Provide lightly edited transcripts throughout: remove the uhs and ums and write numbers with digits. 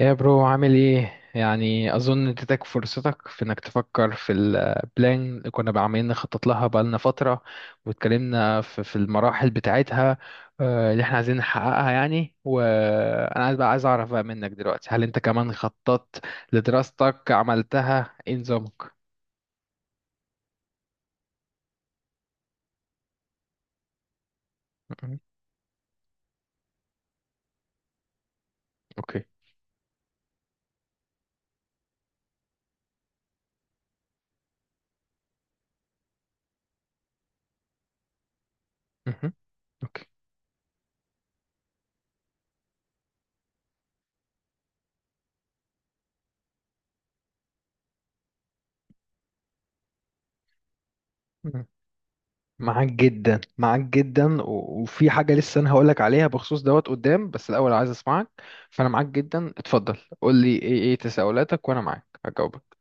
يا برو، عامل ايه؟ يعني اظن اديتك فرصتك في انك تفكر في البلان اللي كنا عمالين نخطط لها بقالنا فتره، واتكلمنا في المراحل بتاعتها. اللي احنا عايزين نحققها يعني. وانا عايز بقى، عايز اعرف بقى منك دلوقتي، هل انت كمان خططت لدراستك؟ عملتها ايه نظامك؟ م- م. اوكي. مهم. اوكي. معاك جدا، معاك جدا و- وفي حاجة لسه أنا هقولك عليها بخصوص دوت قدام، بس الأول عايز أسمعك. فأنا معاك جدا، اتفضل قول لي إيه تساؤلاتك وأنا معاك هجاوبك.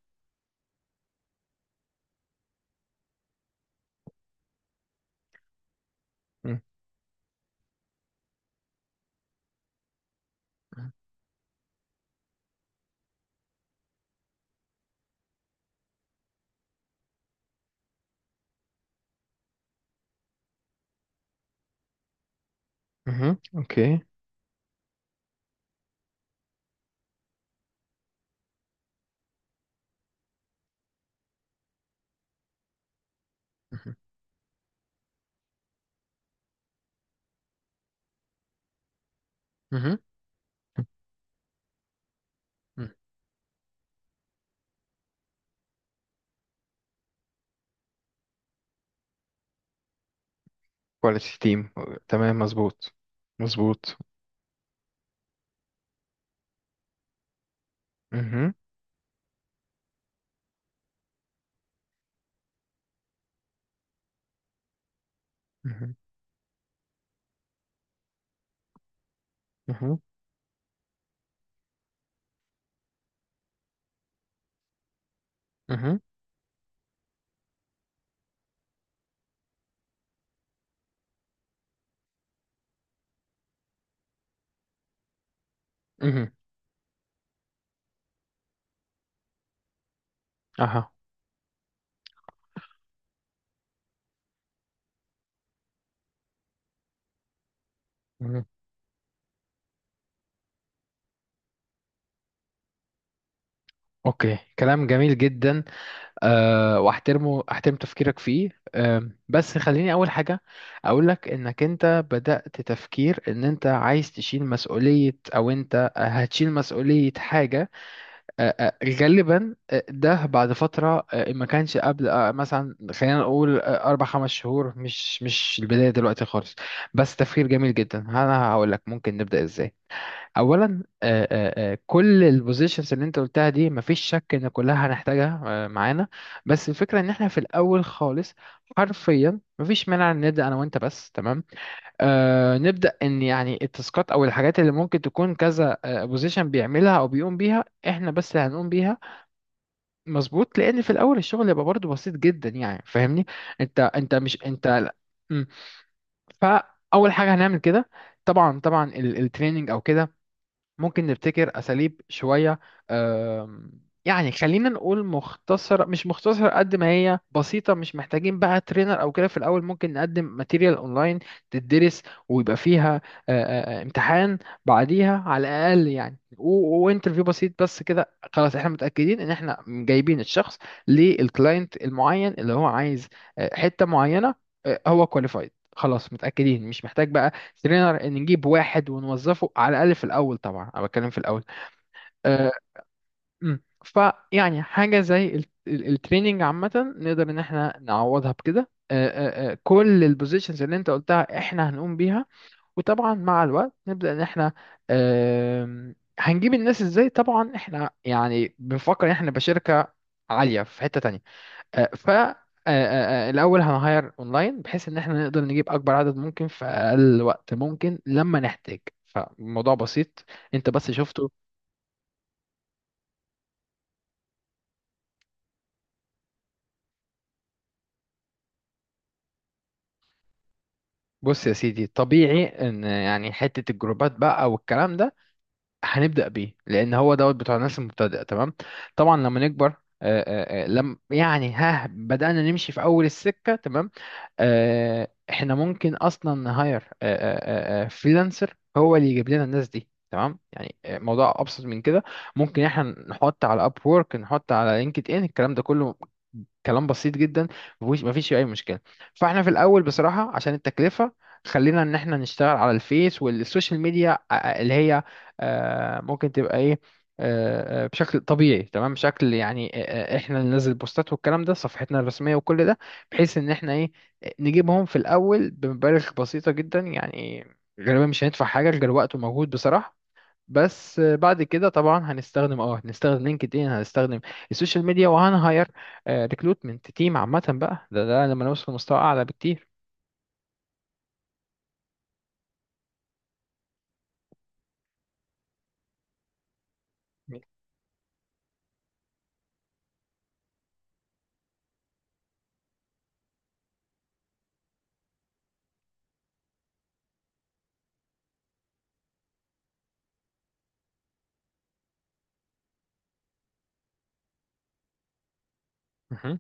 مم. مهم. أوكي. مهم. مهم. مم. كواليتي تيم. تمام، مظبوط. مظبوط. مهم. مهم. مهم. مهم. مهم. أها. مهم. أوكي، كلام جميل جدا. أه واحترمه، احترم تفكيرك فيه. بس خليني اول حاجه اقول لك انك انت بدأت تفكير ان انت عايز تشيل مسؤوليه، او انت هتشيل مسؤوليه حاجه. أه أه غالبا، ده بعد فتره، ما كانش قبل. مثلا خلينا نقول اربع خمس شهور، مش البدايه دلوقتي خالص. بس تفكير جميل جدا، انا هقول لك ممكن نبدأ ازاي. اولا، كل البوزيشنز اللي انت قلتها دي مفيش شك ان كلها هنحتاجها معانا. بس الفكره ان احنا في الاول خالص، حرفيا مفيش مانع ان نبدا انا وانت بس. تمام. نبدا ان يعني التاسكات او الحاجات اللي ممكن تكون كذا بوزيشن بيعملها او بيقوم بيها، احنا بس اللي هنقوم بيها. مظبوط، لان في الاول الشغل يبقى برضه بسيط جدا، يعني فاهمني. انت مش انت لا. مم. فاول حاجه هنعمل كده. طبعا طبعا التريننج او كده ممكن نبتكر أساليب شوية. آم، يعني خلينا نقول مختصرة، مش مختصرة قد ما هي بسيطة، مش محتاجين بقى ترينر أو كده في الأول. ممكن نقدم ماتيريال أونلاين تدرس، ويبقى فيها امتحان بعديها على الأقل يعني، وانترفيو بسيط بس كده. خلاص احنا متأكدين ان احنا جايبين الشخص للكلاينت المعين اللي هو عايز حتة معينة، هو كواليفايد. خلاص متأكدين، مش محتاج بقى ترينر ان نجيب واحد ونوظفه، على الاقل في الاول. طبعا انا بتكلم في الاول. أه أمم. فيعني حاجه زي التريننج عامه نقدر ان احنا نعوضها بكده. أه أه أه كل البوزيشنز اللي انت قلتها احنا هنقوم بيها. وطبعا مع الوقت نبدا ان احنا أه هنجيب الناس ازاي. طبعا احنا يعني بنفكر ان احنا نبقى شركه عاليه في حته تانية. ف الاول هنهاير اونلاين بحيث ان احنا نقدر نجيب اكبر عدد ممكن في اقل وقت ممكن لما نحتاج. فالموضوع بسيط، انت بس شفته. بص يا سيدي، طبيعي ان يعني حته الجروبات بقى والكلام ده هنبدا بيه، لان هو دوت بتوع الناس المبتدئه. تمام. طبعا لما نكبر لم يعني، ها بدأنا نمشي في أول السكة. تمام، احنا ممكن اصلا نهاير فريلانسر هو اللي يجيب لنا الناس دي. تمام، يعني موضوع ابسط من كده. ممكن احنا نحط على اب وورك، نحط على لينكد ان، الكلام ده كله كلام بسيط جدا. مفيش فيه اي مشكله. فاحنا في الاول بصراحه عشان التكلفه، خلينا ان احنا نشتغل على الفيس والسوشيال ميديا اللي هي ممكن تبقى ايه، بشكل طبيعي. تمام، بشكل يعني احنا اللي ننزل بوستات والكلام ده، صفحتنا الرسميه وكل ده، بحيث ان احنا ايه، نجيبهم في الأول بمبالغ بسيطة جدا يعني. غالبا مش هندفع حاجة غير وقت ومجهود بصراحة. بس بعد كده طبعا هنستخدم، هنستخدم لينكد ان، هنستخدم السوشيال ميديا وهنهاير ريكروتمنت تيم عامة بقى. ده لما نوصل لمستوى أعلى بكتير. مهم.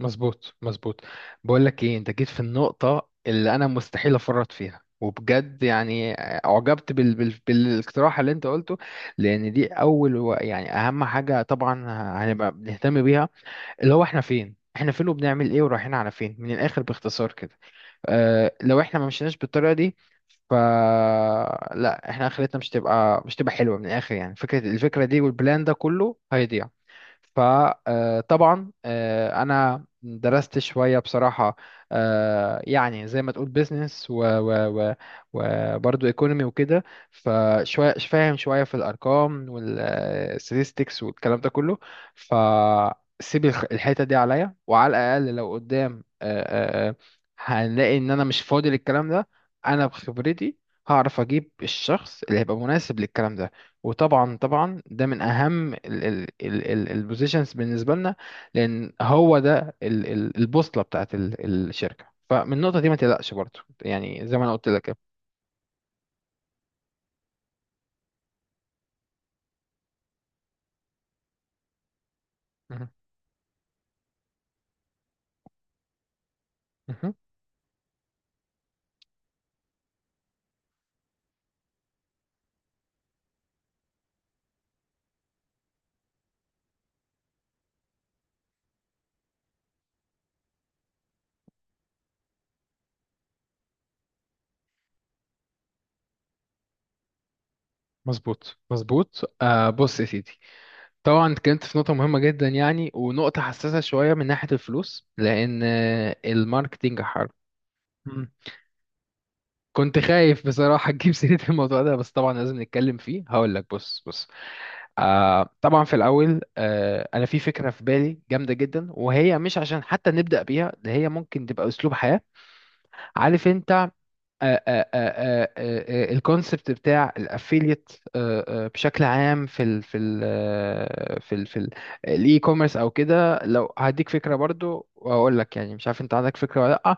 مظبوط مظبوط. بقول لك ايه، انت جيت في النقطة اللي انا مستحيل افرط فيها، وبجد يعني اعجبت بالاقتراح اللي انت قلته، لان دي اول، يعني اهم حاجة طبعا هنبقى بنهتم بيها، اللي هو احنا فين، احنا فين وبنعمل ايه ورايحين على فين، من الاخر باختصار كده. اه لو احنا ما مشيناش بالطريقه دي، ف لا احنا اخرتنا مش تبقى حلوه من الاخر يعني. فكره، الفكره دي والبلان ده كله هيضيع. فطبعا انا درست شويه بصراحه، يعني زي ما تقول بيزنس و و و وبرضه ايكونومي وكده. فشويه فاهم شويه في الارقام والستاتستكس والكلام ده كله. فسيب الحته دي عليا، وعلى الاقل لو قدام هنلاقي ان انا مش فاضي للكلام ده. انا بخبرتي هعرف اجيب الشخص اللي هيبقى مناسب للكلام ده. وطبعا طبعا ده من اهم البوزيشنز بالنسبه لنا، لان هو ده البوصله بتاعت الشركه. فمن النقطه دي ما تقلقش برضو، يعني زي ما انا قلت لك كده. مهم. مهم. مظبوط مظبوط. بص يا سيدي، طبعا اتكلمت في نقطه مهمه جدا يعني، ونقطه حساسه شويه من ناحيه الفلوس، لان الماركتينج حرب. مم. كنت خايف بصراحه تجيب سيره الموضوع ده، بس طبعا لازم نتكلم فيه. هقول لك، بص بص. طبعا في الأول أنا في فكرة في بالي جامدة جدا، وهي مش عشان حتى نبدأ بيها، ده هي ممكن تبقى أسلوب حياة. عارف أنت. الكونسبت بتاع الأفيليت، بشكل عام في ال في ال الإي كوميرس أو كده. لو هديك فكرة برضو، وأقول لك يعني مش عارف أنت عندك فكرة ولا لأ.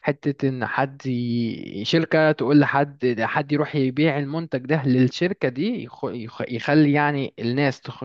حتة إن حد شركة تقول لحد، حد يروح يبيع المنتج ده للشركة دي، يخلي يعني الناس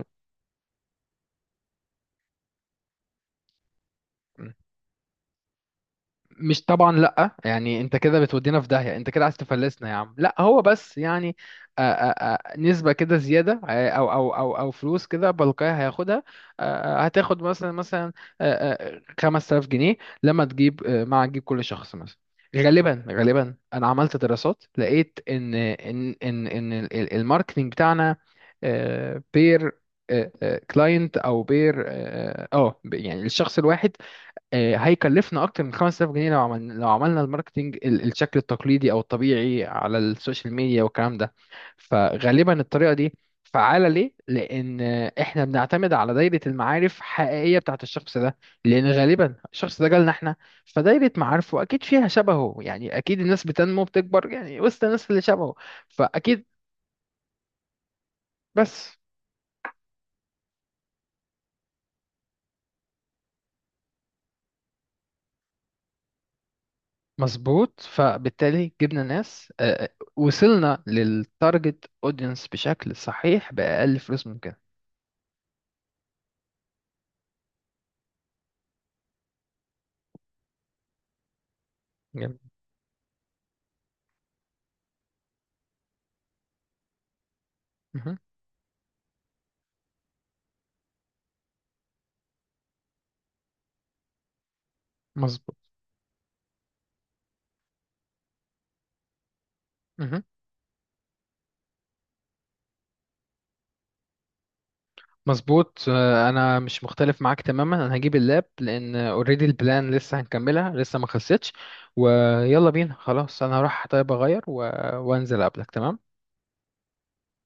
مش طبعا لا، يعني انت كده بتودينا في داهية، انت كده عايز تفلسنا يا عم. لا هو بس يعني نسبة كده زيادة، او فلوس كده بلقاها هياخدها. هتاخد مثلا، مثلا 5000 جنيه لما تجيب مع تجيب كل شخص مثلا. غالبا غالبا انا عملت دراسات لقيت ان الماركتينج بتاعنا بير كلاينت او بير، يعني الشخص الواحد هيكلفنا اكتر من 5000 جنيه. لو عملنا، الماركتينج، الشكل التقليدي او الطبيعي على السوشيال ميديا والكلام ده. فغالبا الطريقه دي فعاله ليه؟ لان احنا بنعتمد على دايره المعارف حقيقيه بتاعت الشخص ده، لان غالبا الشخص ده جالنا احنا، فدايره معارفه اكيد فيها شبهه. يعني اكيد الناس بتنمو بتكبر يعني وسط الناس اللي شبهه، فاكيد. بس مظبوط، فبالتالي جبنا ناس، وصلنا للتارجت اودينس بشكل صحيح بأقل فلوس ممكن. جميل. مهم. مظبوط. مهم. مظبوط. انا مش مختلف معاك تماما. انا هجيب اللاب، لان اوريدي البلان لسه هنكملها، لسه ما خلصتش. ويلا بينا خلاص، انا هروح طيب اغير وانزل اقابلك. تمام.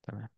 تمام.